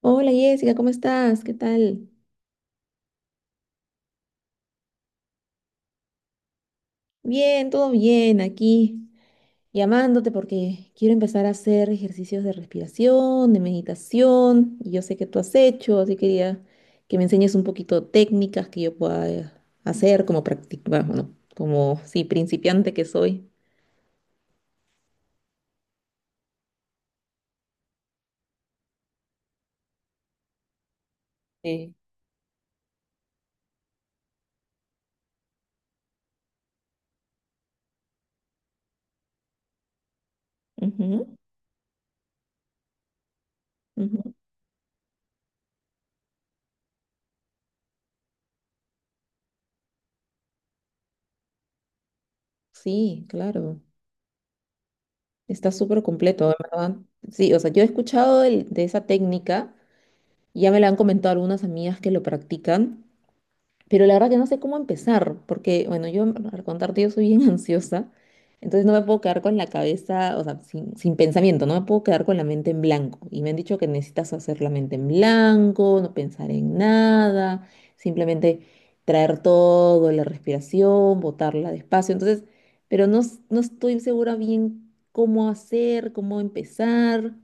Hola Jessica, ¿cómo estás? ¿Qué tal? Bien, todo bien, aquí llamándote porque quiero empezar a hacer ejercicios de respiración, de meditación, y yo sé que tú has hecho, así quería que me enseñes un poquito técnicas que yo pueda hacer como practicar, bueno, como sí, principiante que soy. Sí. Ujú, ujú. Sí, claro. Está súper completo, en ¿verdad? Sí, o sea, yo he escuchado de esa técnica, y ya me la han comentado algunas amigas que lo practican. Pero la verdad que no sé cómo empezar, porque, bueno, yo, al contarte, yo soy bien ansiosa, entonces no me puedo quedar con la cabeza, o sea, sin pensamiento, no me puedo quedar con la mente en blanco. Y me han dicho que necesitas hacer la mente en blanco, no pensar en nada, simplemente traer todo, la respiración, botarla despacio. Entonces, pero no, no estoy segura bien cómo hacer, cómo empezar.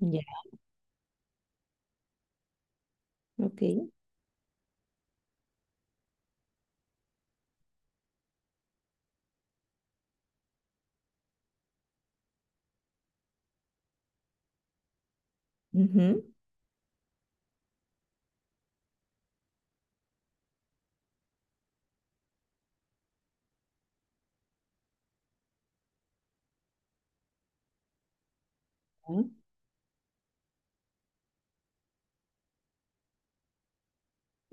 Ya, ok. Ujú. Ah,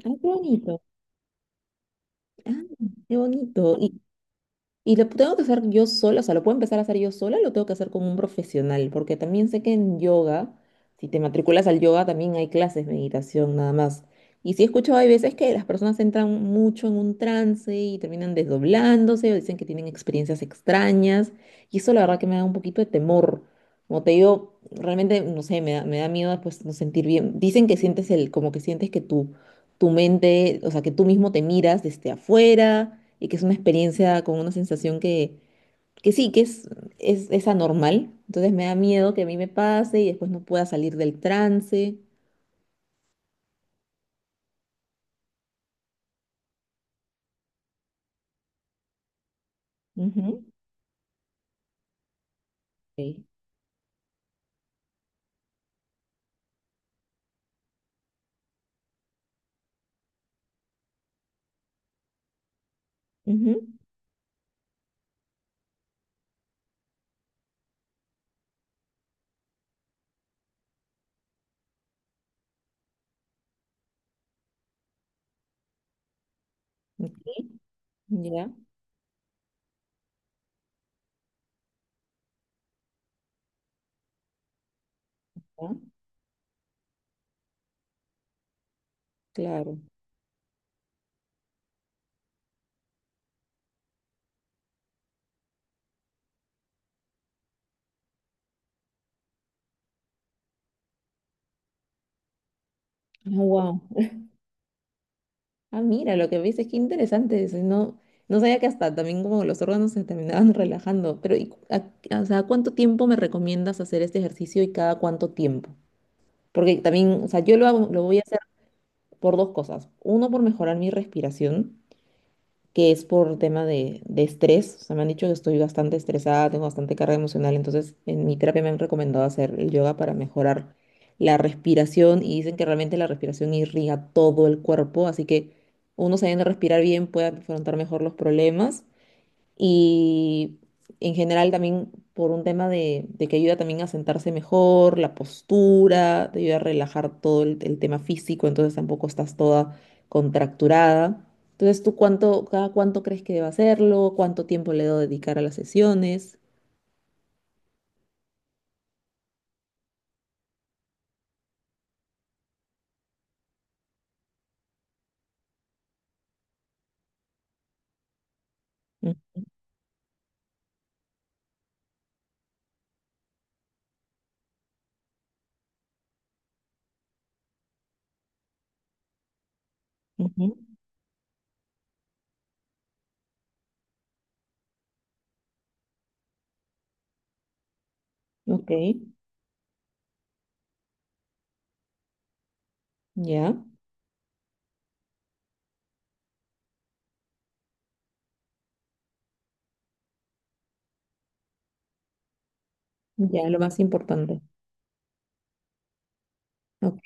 ay, qué bonito. Ah, qué bonito. Y lo tengo que hacer yo sola, o sea, lo puedo empezar a hacer yo sola, lo tengo que hacer con un profesional, porque también sé que en yoga, si te matriculas al yoga, también hay clases de meditación nada más. Y sí he escuchado, hay veces que las personas entran mucho en un trance y terminan desdoblándose o dicen que tienen experiencias extrañas. Y eso la verdad que me da un poquito de temor. Como te digo, realmente, no sé, me da miedo después no sentir bien. Dicen que sientes el, como que sientes que tú tu mente, o sea, que tú mismo te miras desde afuera y que es una experiencia con una sensación que sí, es anormal. Entonces me da miedo que a mí me pase y después no pueda salir del trance. Ujú. Sí. Ujú. Ok. Ya, ya, claro. Wow. Ah, mira, lo que ves es que interesante. Eso, no, no sabía que hasta también como los órganos se terminaban relajando. Pero, ¿y o sea, ¿cuánto tiempo me recomiendas hacer este ejercicio y cada cuánto tiempo? Porque también, o sea, lo voy a hacer por dos cosas. Uno, por mejorar mi respiración, que es por tema de estrés. O sea, me han dicho que estoy bastante estresada, tengo bastante carga emocional. Entonces, en mi terapia me han recomendado hacer el yoga para mejorar la respiración y dicen que realmente la respiración irriga todo el cuerpo. Así que uno sabiendo respirar bien puede afrontar mejor los problemas. Y en general también por un tema de que ayuda también a sentarse mejor, la postura, te ayuda a relajar todo el tema físico, entonces tampoco estás toda contracturada. Entonces, ¿tú cuánto, cada cuánto crees que debo hacerlo? ¿Cuánto tiempo le debo dedicar a las sesiones? Mm, ujú. Ok, ya, ya, lo más importante. Ok,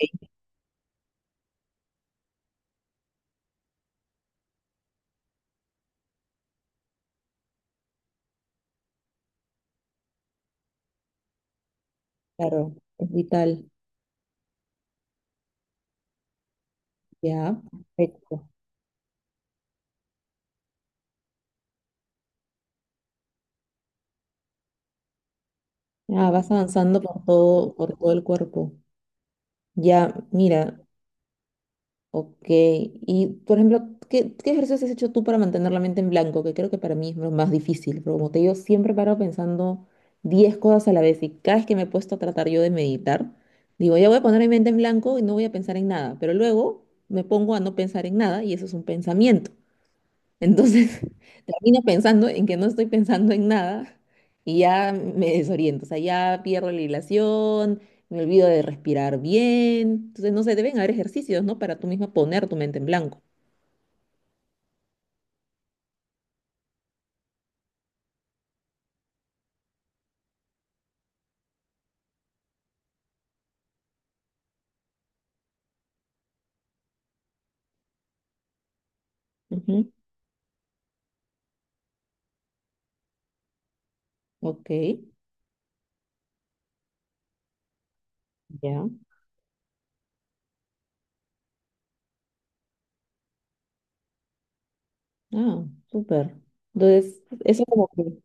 claro, es vital. Ya, perfecto. Ah, vas avanzando por todo el cuerpo. Ya, mira, ok, y por ejemplo, qué ejercicios has hecho tú para mantener la mente en blanco? Que creo que para mí es lo más difícil, pero como te digo, siempre paro pensando 10 cosas a la vez y cada vez que me he puesto a tratar yo de meditar, digo, ya voy a poner mi mente en blanco y no voy a pensar en nada, pero luego me pongo a no pensar en nada y eso es un pensamiento. Entonces, termino pensando en que no estoy pensando en nada y ya me desoriento, o sea, ya pierdo la hilación, me olvido de respirar bien. Entonces, no sé, deben haber ejercicios, ¿no? Para tú misma poner tu mente en blanco. Ujú, ok, ya. Ah, súper. Entonces, eso como que,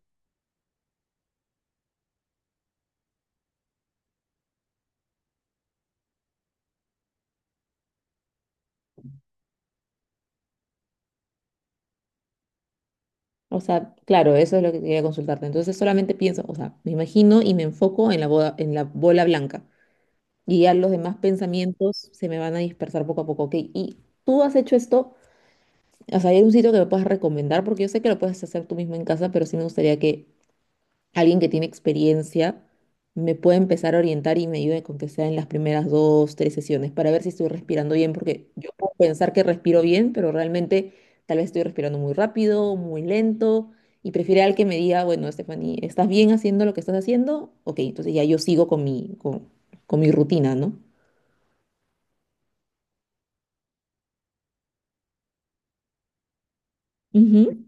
o sea, claro, eso es lo que quería consultarte. Entonces, solamente pienso, o sea, me imagino y me enfoco en en la bola blanca. Y ya los demás pensamientos se me van a dispersar poco a poco. Ok, ¿y tú has hecho esto? O sea, ¿hay algún sitio que me puedas recomendar? Porque yo sé que lo puedes hacer tú mismo en casa, pero sí me gustaría que alguien que tiene experiencia me pueda empezar a orientar y me ayude con que sea en las primeras dos, tres sesiones para ver si estoy respirando bien, porque yo puedo pensar que respiro bien, pero realmente tal vez estoy respirando muy rápido, muy lento, y prefiero al que me diga, bueno, Stephanie, ¿estás bien haciendo lo que estás haciendo? Ok, entonces ya yo sigo con mi, con mi rutina, ¿no? Ujú.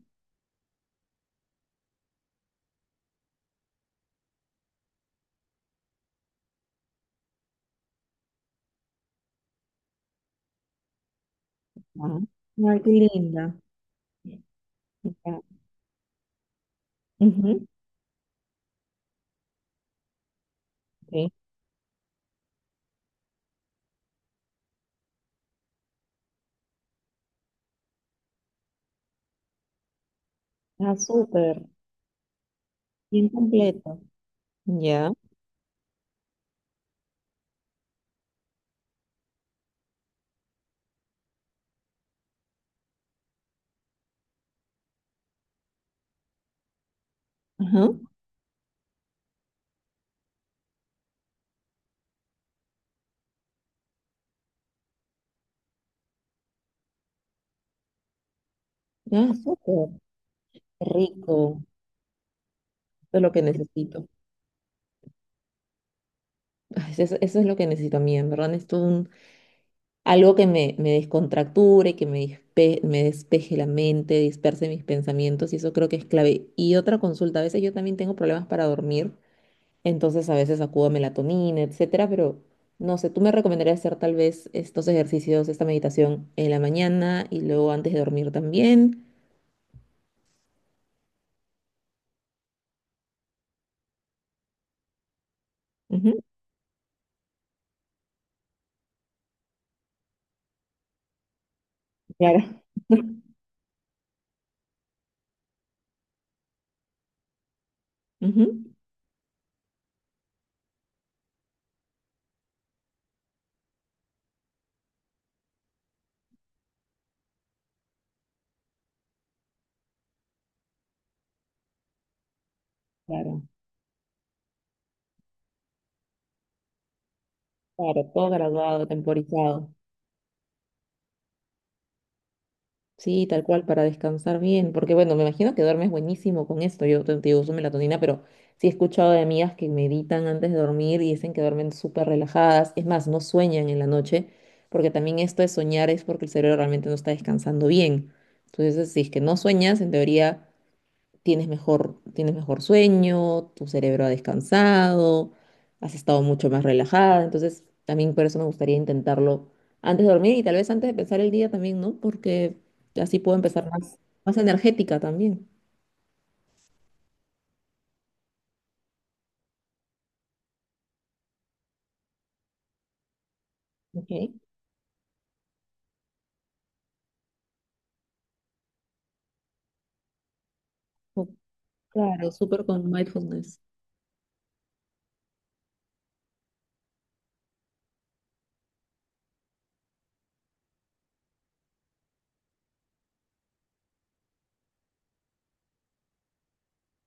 Ah, ay, qué linda. Ya. Ujú. Ok. Ah, súper. Bien completo. Ya. Ajá. Ah, súper. Rico. Eso es lo que necesito. Ay, eso es lo que necesito a mí, en verdad. Necesito un, algo que me descontracture, que me, me despeje la mente, disperse mis pensamientos, y eso creo que es clave. Y otra consulta, a veces yo también tengo problemas para dormir, entonces a veces acudo a melatonina, etcétera, pero no sé, ¿tú me recomendarías hacer tal vez estos ejercicios, esta meditación en la mañana y luego antes de dormir también? Claro. Ujú. Claro, claro, todo graduado, temporizado. Sí, tal cual, para descansar bien. Porque bueno, me imagino que duermes buenísimo con esto. Yo te, te digo, uso melatonina, pero sí he escuchado de amigas que meditan antes de dormir y dicen que duermen súper relajadas. Es más, no sueñan en la noche, porque también esto de soñar es porque el cerebro realmente no está descansando bien. Entonces, si es que no sueñas, en teoría tienes mejor sueño, tu cerebro ha descansado, has estado mucho más relajada. Entonces, también por eso me gustaría intentarlo antes de dormir y tal vez antes de empezar el día también, ¿no? Porque así puedo empezar más, más energética también. Ok. Oh, claro, súper con mindfulness.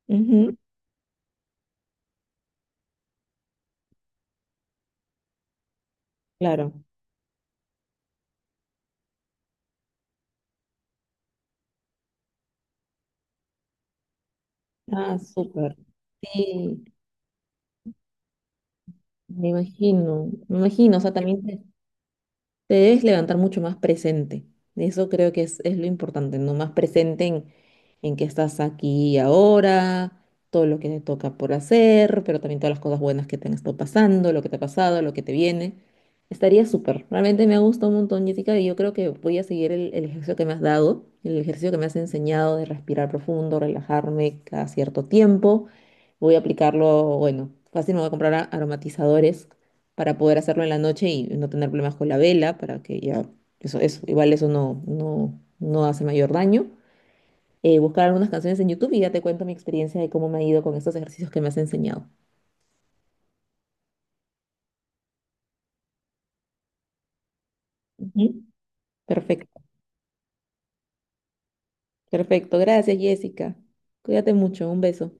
Ujú, claro. Ah, súper. Sí, me imagino. Me imagino, o sea, también te debes levantar mucho más presente. Eso creo que es lo importante, ¿no? Más presente en que estás aquí y ahora, todo lo que te toca por hacer, pero también todas las cosas buenas que te han estado pasando, lo que te ha pasado, lo que te viene. Estaría súper. Realmente me ha gustado un montón, Jessica, y yo creo que voy a seguir el ejercicio que me has dado, el ejercicio que me has enseñado de respirar profundo, relajarme cada cierto tiempo. Voy a aplicarlo, bueno, fácil me voy a comprar aromatizadores para poder hacerlo en la noche y no tener problemas con la vela, para que ya, igual eso no, no, no hace mayor daño. Buscar algunas canciones en YouTube y ya te cuento mi experiencia de cómo me ha ido con estos ejercicios que me has enseñado. Ujú. Perfecto, perfecto. Gracias, Jessica. Cuídate mucho. Un beso.